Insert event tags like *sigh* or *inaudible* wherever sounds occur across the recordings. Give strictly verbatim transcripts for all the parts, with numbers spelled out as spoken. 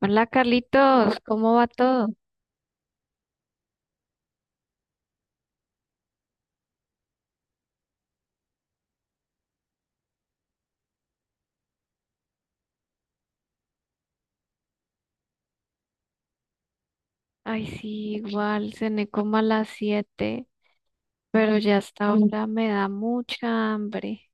Hola Carlitos, ¿cómo va todo? Ay, sí, igual, cené como a las siete, pero ya hasta ahora me da mucha hambre.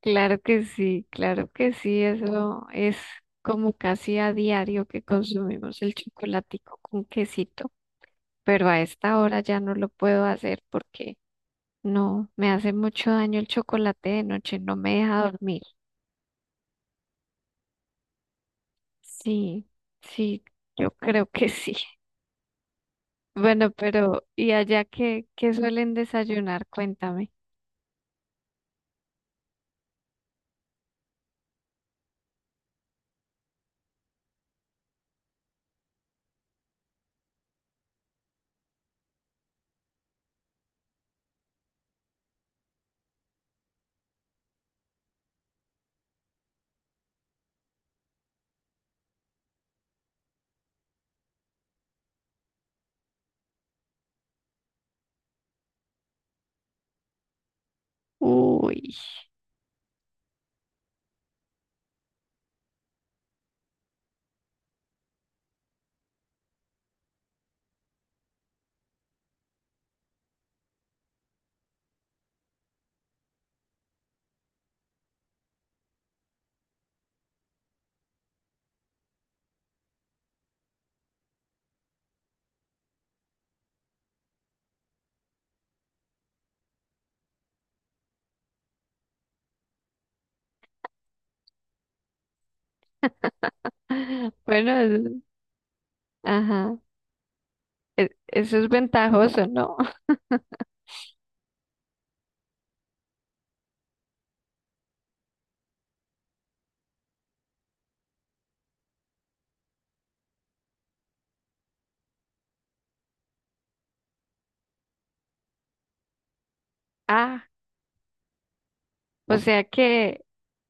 Claro que sí, claro que sí, eso es como casi a diario que consumimos el chocolatico con quesito, pero a esta hora ya no lo puedo hacer porque no, me hace mucho daño el chocolate de noche, no me deja dormir. Sí, sí, yo creo que sí. Bueno, pero ¿y allá qué, qué suelen desayunar? Cuéntame. Uy. *laughs* Bueno, es- ajá. e- Eso es ventajoso, ¿no? *laughs* Ah, o sea que,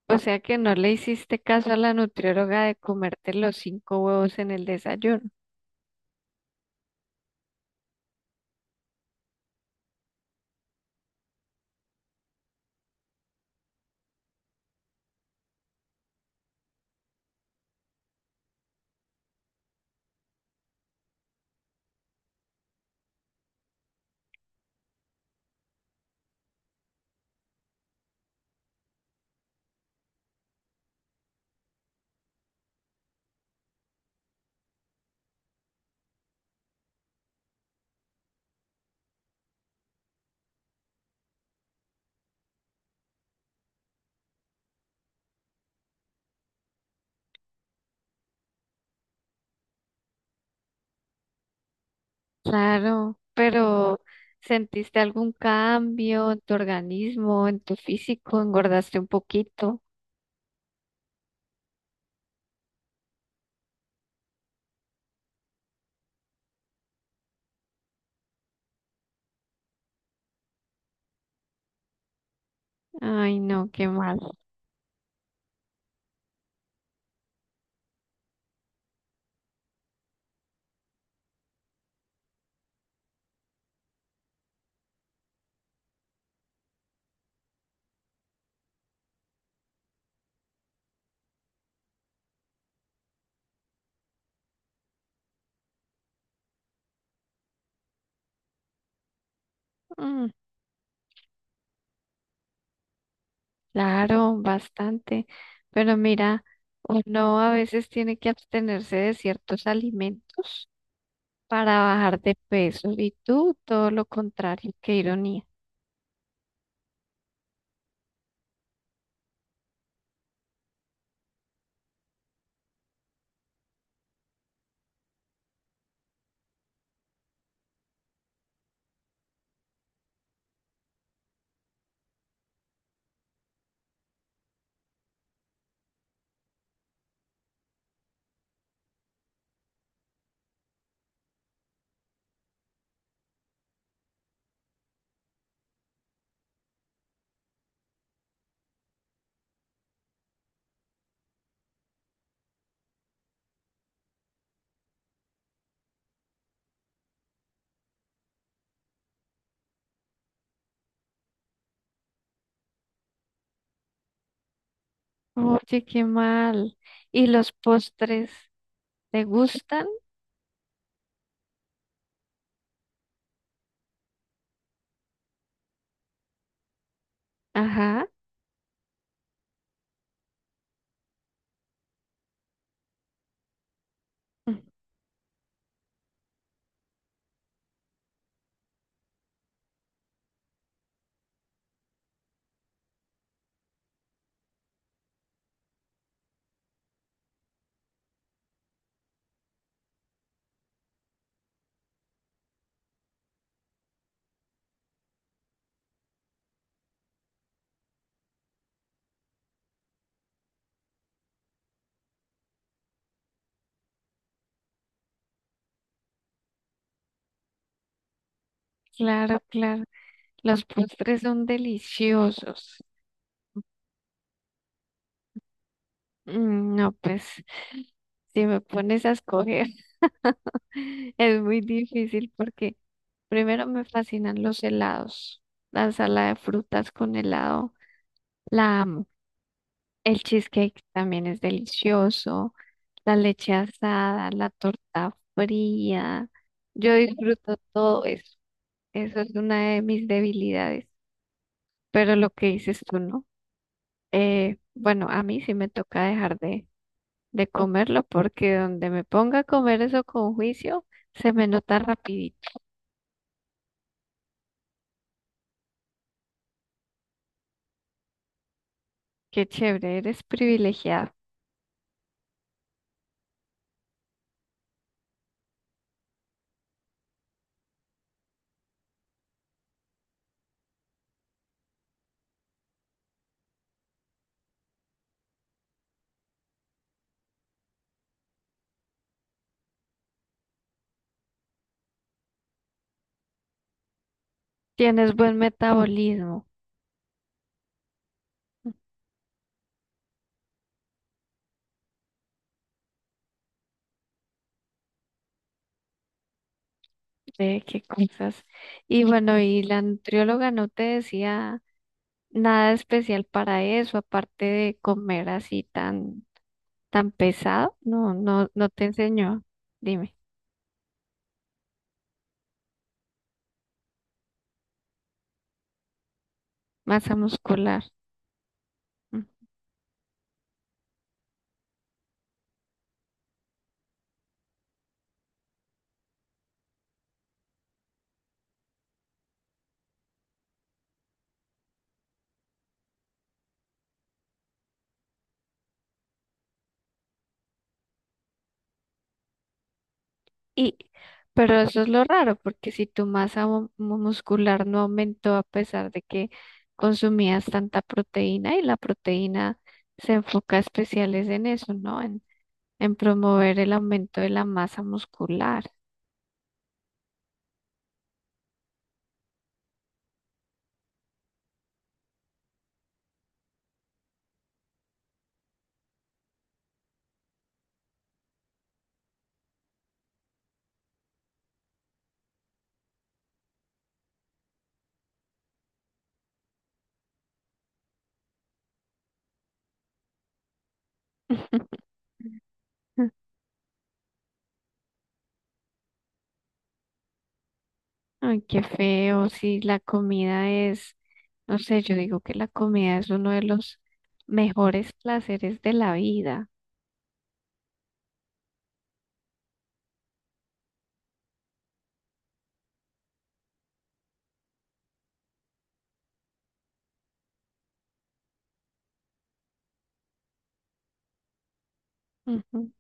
o sea que no le hiciste caso a la nutrióloga de comerte los cinco huevos en el desayuno. Claro, pero ¿sentiste algún cambio en tu organismo, en tu físico? ¿Engordaste un poquito? Ay, no, qué mal. Mm. Claro, bastante. Pero mira, uno a veces tiene que abstenerse de ciertos alimentos para bajar de peso. Y tú, todo lo contrario, qué ironía. Oye, qué mal. ¿Y los postres te gustan? Ajá. Mm. Claro, claro. Los postres son deliciosos. Mm. No, pues, si me pones a escoger. *laughs* Es muy difícil porque primero me fascinan los helados. La sala de frutas con helado, la amo. El cheesecake también es delicioso. La leche asada, la torta fría. Yo disfruto todo eso. Eso es una de mis debilidades. Pero lo que dices tú, ¿no? Eh, bueno, a mí sí me toca dejar de, de comerlo porque donde me ponga a comer eso con juicio, se me nota rapidito. Qué chévere, eres privilegiada. Tienes buen *laughs* metabolismo, de qué cosas. Y bueno, y la nutrióloga no te decía nada especial para eso, aparte de comer así tan, tan pesado. No, no, no te enseñó. Dime, masa muscular. Mm. Y, pero eso es lo raro, porque si tu masa mu- mu- muscular no aumentó a pesar de que consumías tanta proteína y la proteína se enfoca especiales en eso, ¿no? En promover el aumento de la masa muscular. *laughs* Ay, qué feo, si la comida es, no sé, yo digo que la comida es uno de los mejores placeres de la vida. Ujú.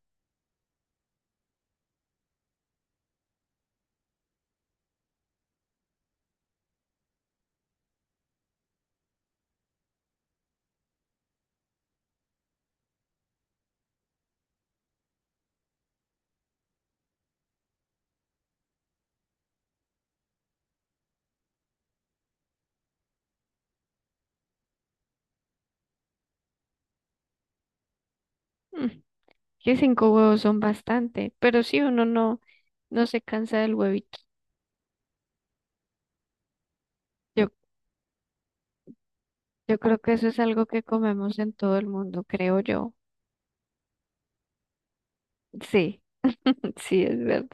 Mm. Que cinco huevos son bastante, pero si uno no, no se cansa del huevito. Yo, yo creo que eso es algo que comemos en todo el mundo, creo yo. Sí, *laughs* sí, es verdad.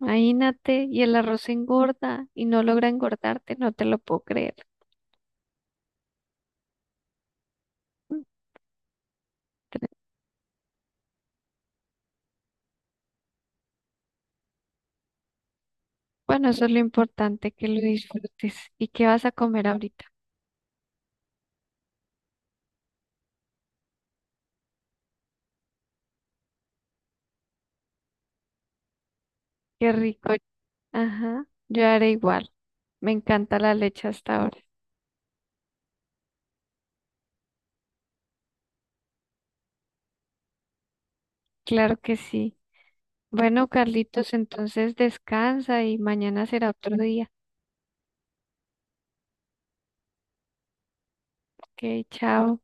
Imagínate, y el arroz engorda y no logra engordarte, no te lo puedo creer. Tre- Bueno, eso es lo importante, que lo disfrutes. ¿Y qué vas a comer ahorita? Qué rico. Ajá, yo haré igual. Me encanta la leche hasta ahora. Claro que sí. Bueno, Carlitos, entonces descansa y mañana será otro día. Ok, chao.